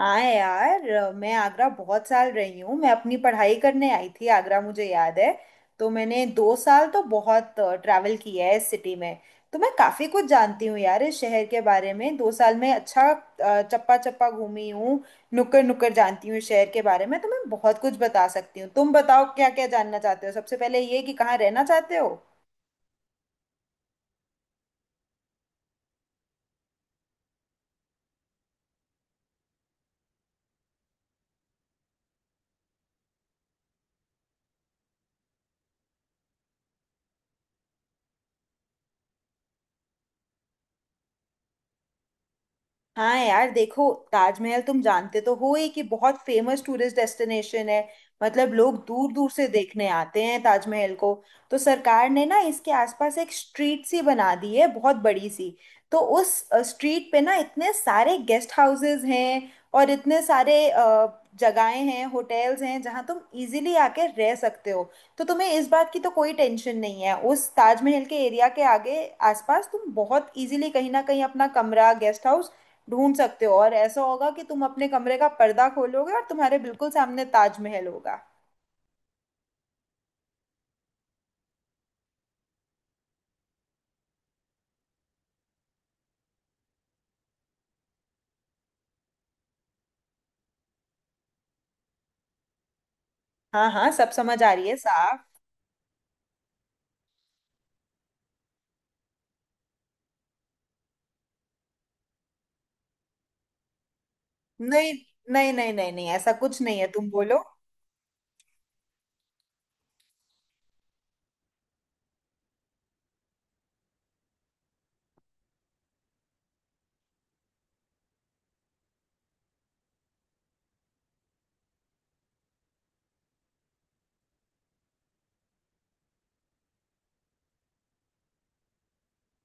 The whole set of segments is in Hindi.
हाँ यार मैं आगरा बहुत साल रही हूँ। मैं अपनी पढ़ाई करने आई थी आगरा मुझे याद है। तो मैंने दो साल तो बहुत ट्रैवल किया है इस सिटी में। तो मैं काफ़ी कुछ जानती हूँ यार इस शहर के बारे में। दो साल में अच्छा चप्पा चप्पा घूमी हूँ। नुक्कड़ नुक्कड़ जानती हूँ इस शहर के बारे में। तो मैं बहुत कुछ बता सकती हूँ। तुम बताओ क्या क्या जानना चाहते हो? सबसे पहले ये कि कहाँ रहना चाहते हो? हाँ यार देखो, ताजमहल तुम जानते तो हो ये कि बहुत फेमस टूरिस्ट डेस्टिनेशन है। मतलब लोग दूर दूर से देखने आते हैं ताजमहल को। तो सरकार ने ना इसके आसपास एक स्ट्रीट सी बना दी है, बहुत बड़ी सी। तो उस स्ट्रीट पे ना इतने सारे गेस्ट हाउसेस हैं और इतने सारे जगहें हैं, होटल्स हैं जहाँ तुम इजीली आके रह सकते हो। तो तुम्हें इस बात की तो कोई टेंशन नहीं है। उस ताजमहल के एरिया के आगे आसपास तुम बहुत इजीली कहीं ना कहीं अपना कमरा, गेस्ट हाउस ढूंढ सकते हो। और ऐसा होगा कि तुम अपने कमरे का पर्दा खोलोगे और तुम्हारे बिल्कुल सामने ताजमहल होगा। हाँ हाँ, सब समझ आ रही है साफ। नहीं नहीं नहीं नहीं नहीं, ऐसा कुछ नहीं है, तुम बोलो।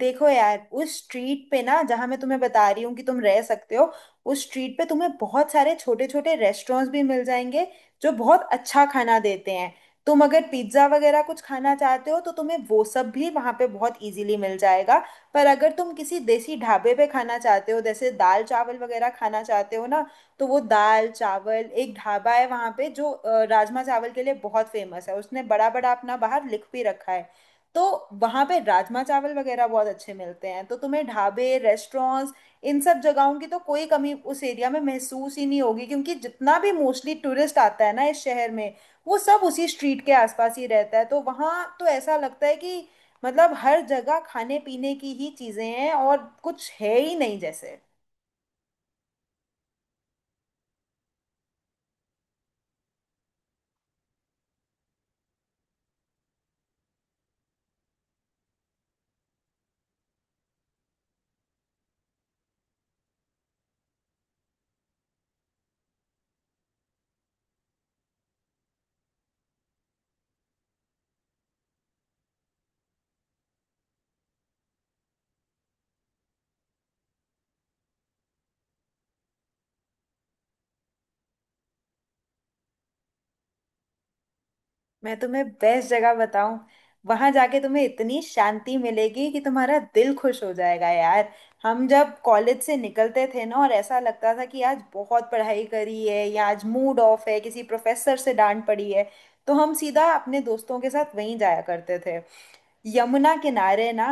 देखो यार उस स्ट्रीट पे ना, जहां मैं तुम्हें बता रही हूँ कि तुम रह सकते हो, उस स्ट्रीट पे तुम्हें बहुत सारे छोटे छोटे रेस्टोरेंट्स भी मिल जाएंगे जो बहुत अच्छा खाना देते हैं। तुम अगर पिज्ज़ा वगैरह कुछ खाना चाहते हो तो तुम्हें वो सब भी वहाँ पे बहुत इजीली मिल जाएगा। पर अगर तुम किसी देसी ढाबे पे खाना चाहते हो, जैसे दाल चावल वगैरह खाना चाहते हो ना, तो वो दाल चावल एक ढाबा है वहाँ पे जो राजमा चावल के लिए बहुत फेमस है। उसने बड़ा बड़ा अपना बाहर लिख भी रखा है। तो वहां पे राजमा चावल वगैरह बहुत अच्छे मिलते हैं। तो तुम्हें ढाबे, रेस्टोरेंट्स, इन सब जगहों की तो कोई कमी उस एरिया में महसूस ही नहीं होगी। क्योंकि जितना भी मोस्टली टूरिस्ट आता है ना इस शहर में, वो सब उसी स्ट्रीट के आसपास ही रहता है। तो वहाँ तो ऐसा लगता है कि मतलब हर जगह खाने पीने की ही चीजें हैं, और कुछ है ही नहीं जैसे। मैं तुम्हें बेस्ट जगह बताऊं। वहां जाके तुम्हें इतनी शांति मिलेगी कि तुम्हारा दिल खुश हो जाएगा यार। हम जब कॉलेज से निकलते थे ना, और ऐसा लगता था कि आज बहुत पढ़ाई करी है या आज मूड ऑफ है, किसी प्रोफेसर से डांट पड़ी है, तो हम सीधा अपने दोस्तों के साथ वहीं जाया करते थे, यमुना किनारे ना।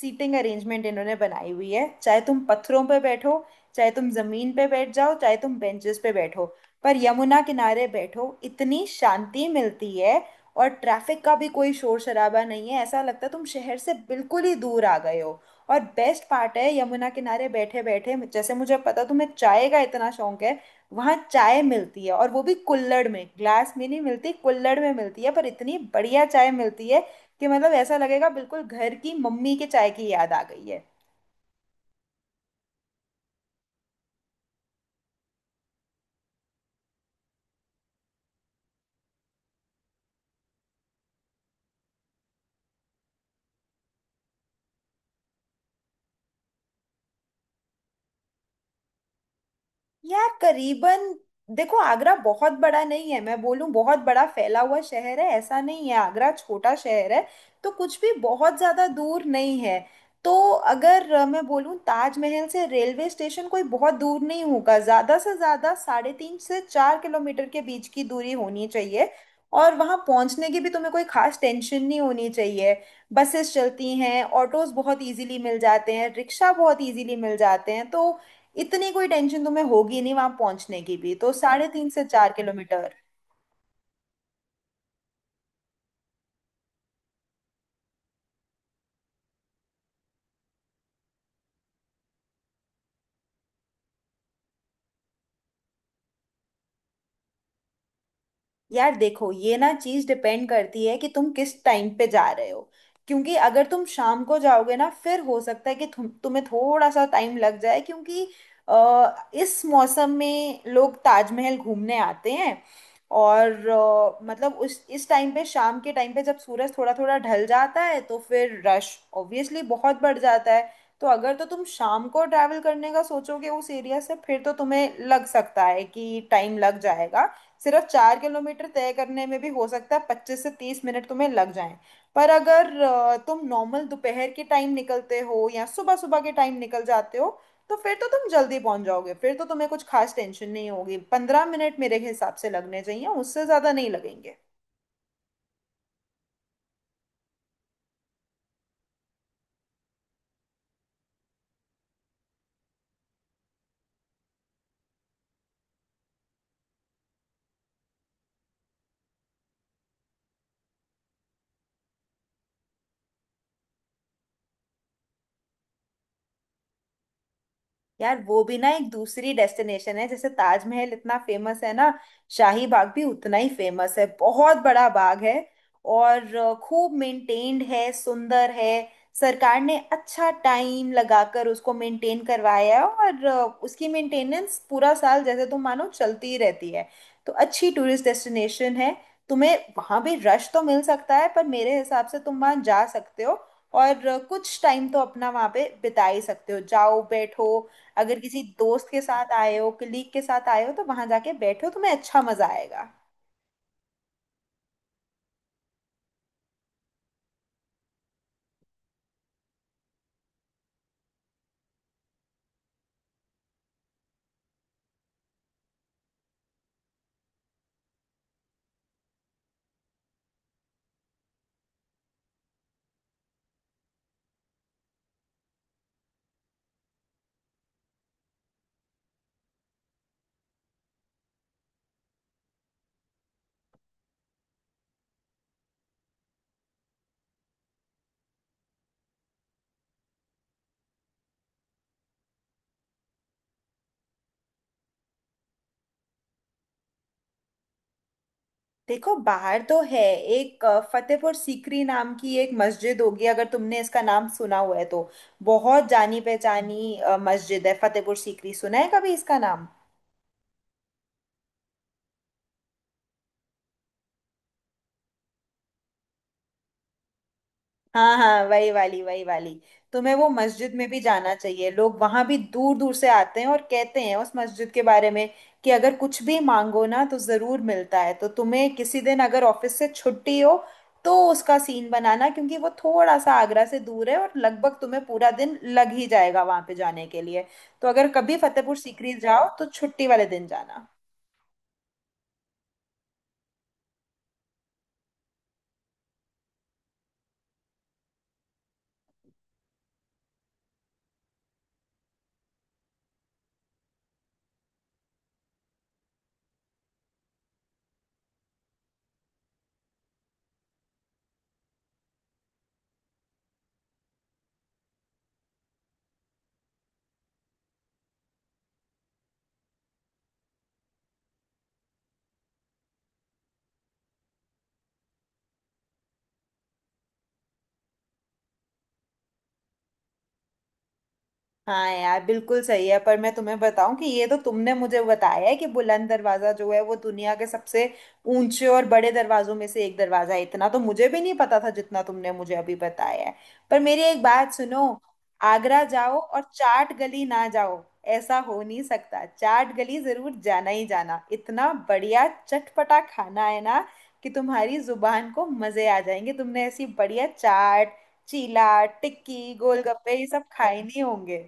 सीटिंग अरेंजमेंट इन्होंने बनाई हुई है, चाहे तुम पत्थरों पे बैठो, चाहे तुम जमीन पे बैठ जाओ, चाहे तुम बेंचेस पे बैठो, पर यमुना किनारे बैठो, इतनी शांति मिलती है। और ट्रैफिक का भी कोई शोर शराबा नहीं है, ऐसा लगता है तुम शहर से बिल्कुल ही दूर आ गए हो। और बेस्ट पार्ट है, यमुना किनारे बैठे बैठे, जैसे मुझे पता तुम्हें चाय का इतना शौक है, वहाँ चाय मिलती है और वो भी कुल्हड़ में। ग्लास में नहीं मिलती, कुल्हड़ में मिलती है, पर इतनी बढ़िया चाय मिलती है कि मतलब ऐसा लगेगा बिल्कुल घर की मम्मी के चाय की याद आ गई है। यार करीबन, देखो आगरा बहुत बड़ा नहीं है। मैं बोलूं बहुत बड़ा फैला हुआ शहर है ऐसा नहीं है, आगरा छोटा शहर है। तो कुछ भी बहुत ज्यादा दूर नहीं है। तो अगर मैं बोलूं, ताजमहल से रेलवे स्टेशन कोई बहुत दूर नहीं होगा, ज्यादा से ज्यादा 3.5 से 4 किलोमीटर के बीच की दूरी होनी चाहिए। और वहां पहुंचने की भी तुम्हें कोई खास टेंशन नहीं होनी चाहिए। बसेस चलती हैं, ऑटोज बहुत इजीली मिल जाते हैं, रिक्शा बहुत इजीली मिल जाते हैं। तो इतनी कोई टेंशन तुम्हें होगी नहीं वहां पहुंचने की भी, तो 3.5 से 4 किलोमीटर। यार देखो, ये ना चीज डिपेंड करती है कि तुम किस टाइम पे जा रहे हो। क्योंकि अगर तुम शाम को जाओगे ना, फिर हो सकता है कि तुम तुम्हें थोड़ा सा टाइम लग जाए, क्योंकि इस मौसम में लोग ताजमहल घूमने आते हैं। और मतलब उस इस टाइम पे, शाम के टाइम पे, जब सूरज थोड़ा थोड़ा ढल जाता है तो फिर रश ऑब्वियसली बहुत बढ़ जाता है। तो अगर तो तुम शाम को ट्रैवल करने का सोचोगे उस एरिया से, फिर तो तुम्हें लग सकता है कि टाइम लग जाएगा। सिर्फ 4 किलोमीटर तय करने में भी हो सकता है 25 से 30 मिनट तुम्हें लग जाएं। पर अगर तुम नॉर्मल दोपहर के टाइम निकलते हो या सुबह सुबह के टाइम निकल जाते हो, तो फिर तो तुम जल्दी पहुंच जाओगे। फिर तो तुम्हें कुछ खास टेंशन नहीं होगी, 15 मिनट मेरे हिसाब से लगने चाहिए, उससे ज्यादा नहीं लगेंगे। यार वो भी ना एक दूसरी डेस्टिनेशन है। जैसे ताजमहल इतना फेमस है ना, शाही बाग भी उतना ही फेमस है। बहुत बड़ा बाग है और खूब मेंटेन्ड है, सुंदर है। सरकार ने अच्छा टाइम लगाकर उसको मेंटेन करवाया है, और उसकी मेंटेनेंस पूरा साल जैसे तुम मानो चलती ही रहती है। तो अच्छी टूरिस्ट डेस्टिनेशन है। तुम्हें वहां भी रश तो मिल सकता है, पर मेरे हिसाब से तुम वहां जा सकते हो। और कुछ टाइम तो अपना वहां पे बिता ही सकते हो। जाओ बैठो, अगर किसी दोस्त के साथ आए हो, कलीग के साथ आए हो, तो वहां जाके बैठो, तुम्हें अच्छा मजा आएगा। देखो बाहर तो है, एक फतेहपुर सीकरी नाम की एक मस्जिद होगी। अगर तुमने इसका नाम सुना हुआ है तो, बहुत जानी पहचानी मस्जिद है फतेहपुर सीकरी। सुना है कभी इसका नाम? हाँ हाँ, वही वाली वही वाली। तुम्हें वो मस्जिद में भी जाना चाहिए। लोग वहां भी दूर दूर से आते हैं और कहते हैं उस मस्जिद के बारे में कि अगर कुछ भी मांगो ना तो जरूर मिलता है। तो तुम्हें किसी दिन अगर ऑफिस से छुट्टी हो तो उसका सीन बनाना, क्योंकि वो थोड़ा सा आगरा से दूर है और लगभग तुम्हें पूरा दिन लग ही जाएगा वहां पे जाने के लिए। तो अगर कभी फतेहपुर सीकरी जाओ तो छुट्टी वाले दिन जाना। हाँ यार बिल्कुल सही है। पर मैं तुम्हें बताऊं कि ये तो तुमने मुझे बताया है कि बुलंद दरवाजा जो है वो दुनिया के सबसे ऊंचे और बड़े दरवाजों में से एक दरवाजा है। इतना तो मुझे भी नहीं पता था जितना तुमने मुझे अभी बताया है। पर मेरी एक बात सुनो, आगरा जाओ और चाट गली ना जाओ, ऐसा हो नहीं सकता। चाट गली जरूर जाना ही जाना। इतना बढ़िया चटपटा खाना है ना कि तुम्हारी जुबान को मजे आ जाएंगे। तुमने ऐसी बढ़िया चाट, चीला, टिक्की, गोलगप्पे ये सब खाए नहीं होंगे।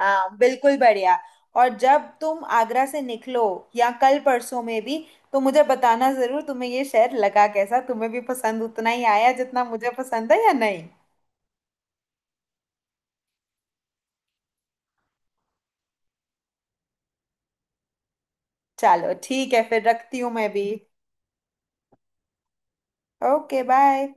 हाँ बिल्कुल बढ़िया। और जब तुम आगरा से निकलो, या कल परसों में भी, तो मुझे बताना जरूर तुम्हें ये शहर लगा कैसा, तुम्हें भी पसंद उतना ही आया जितना मुझे पसंद है या नहीं। चलो ठीक है, फिर रखती हूँ मैं भी। Okay bye.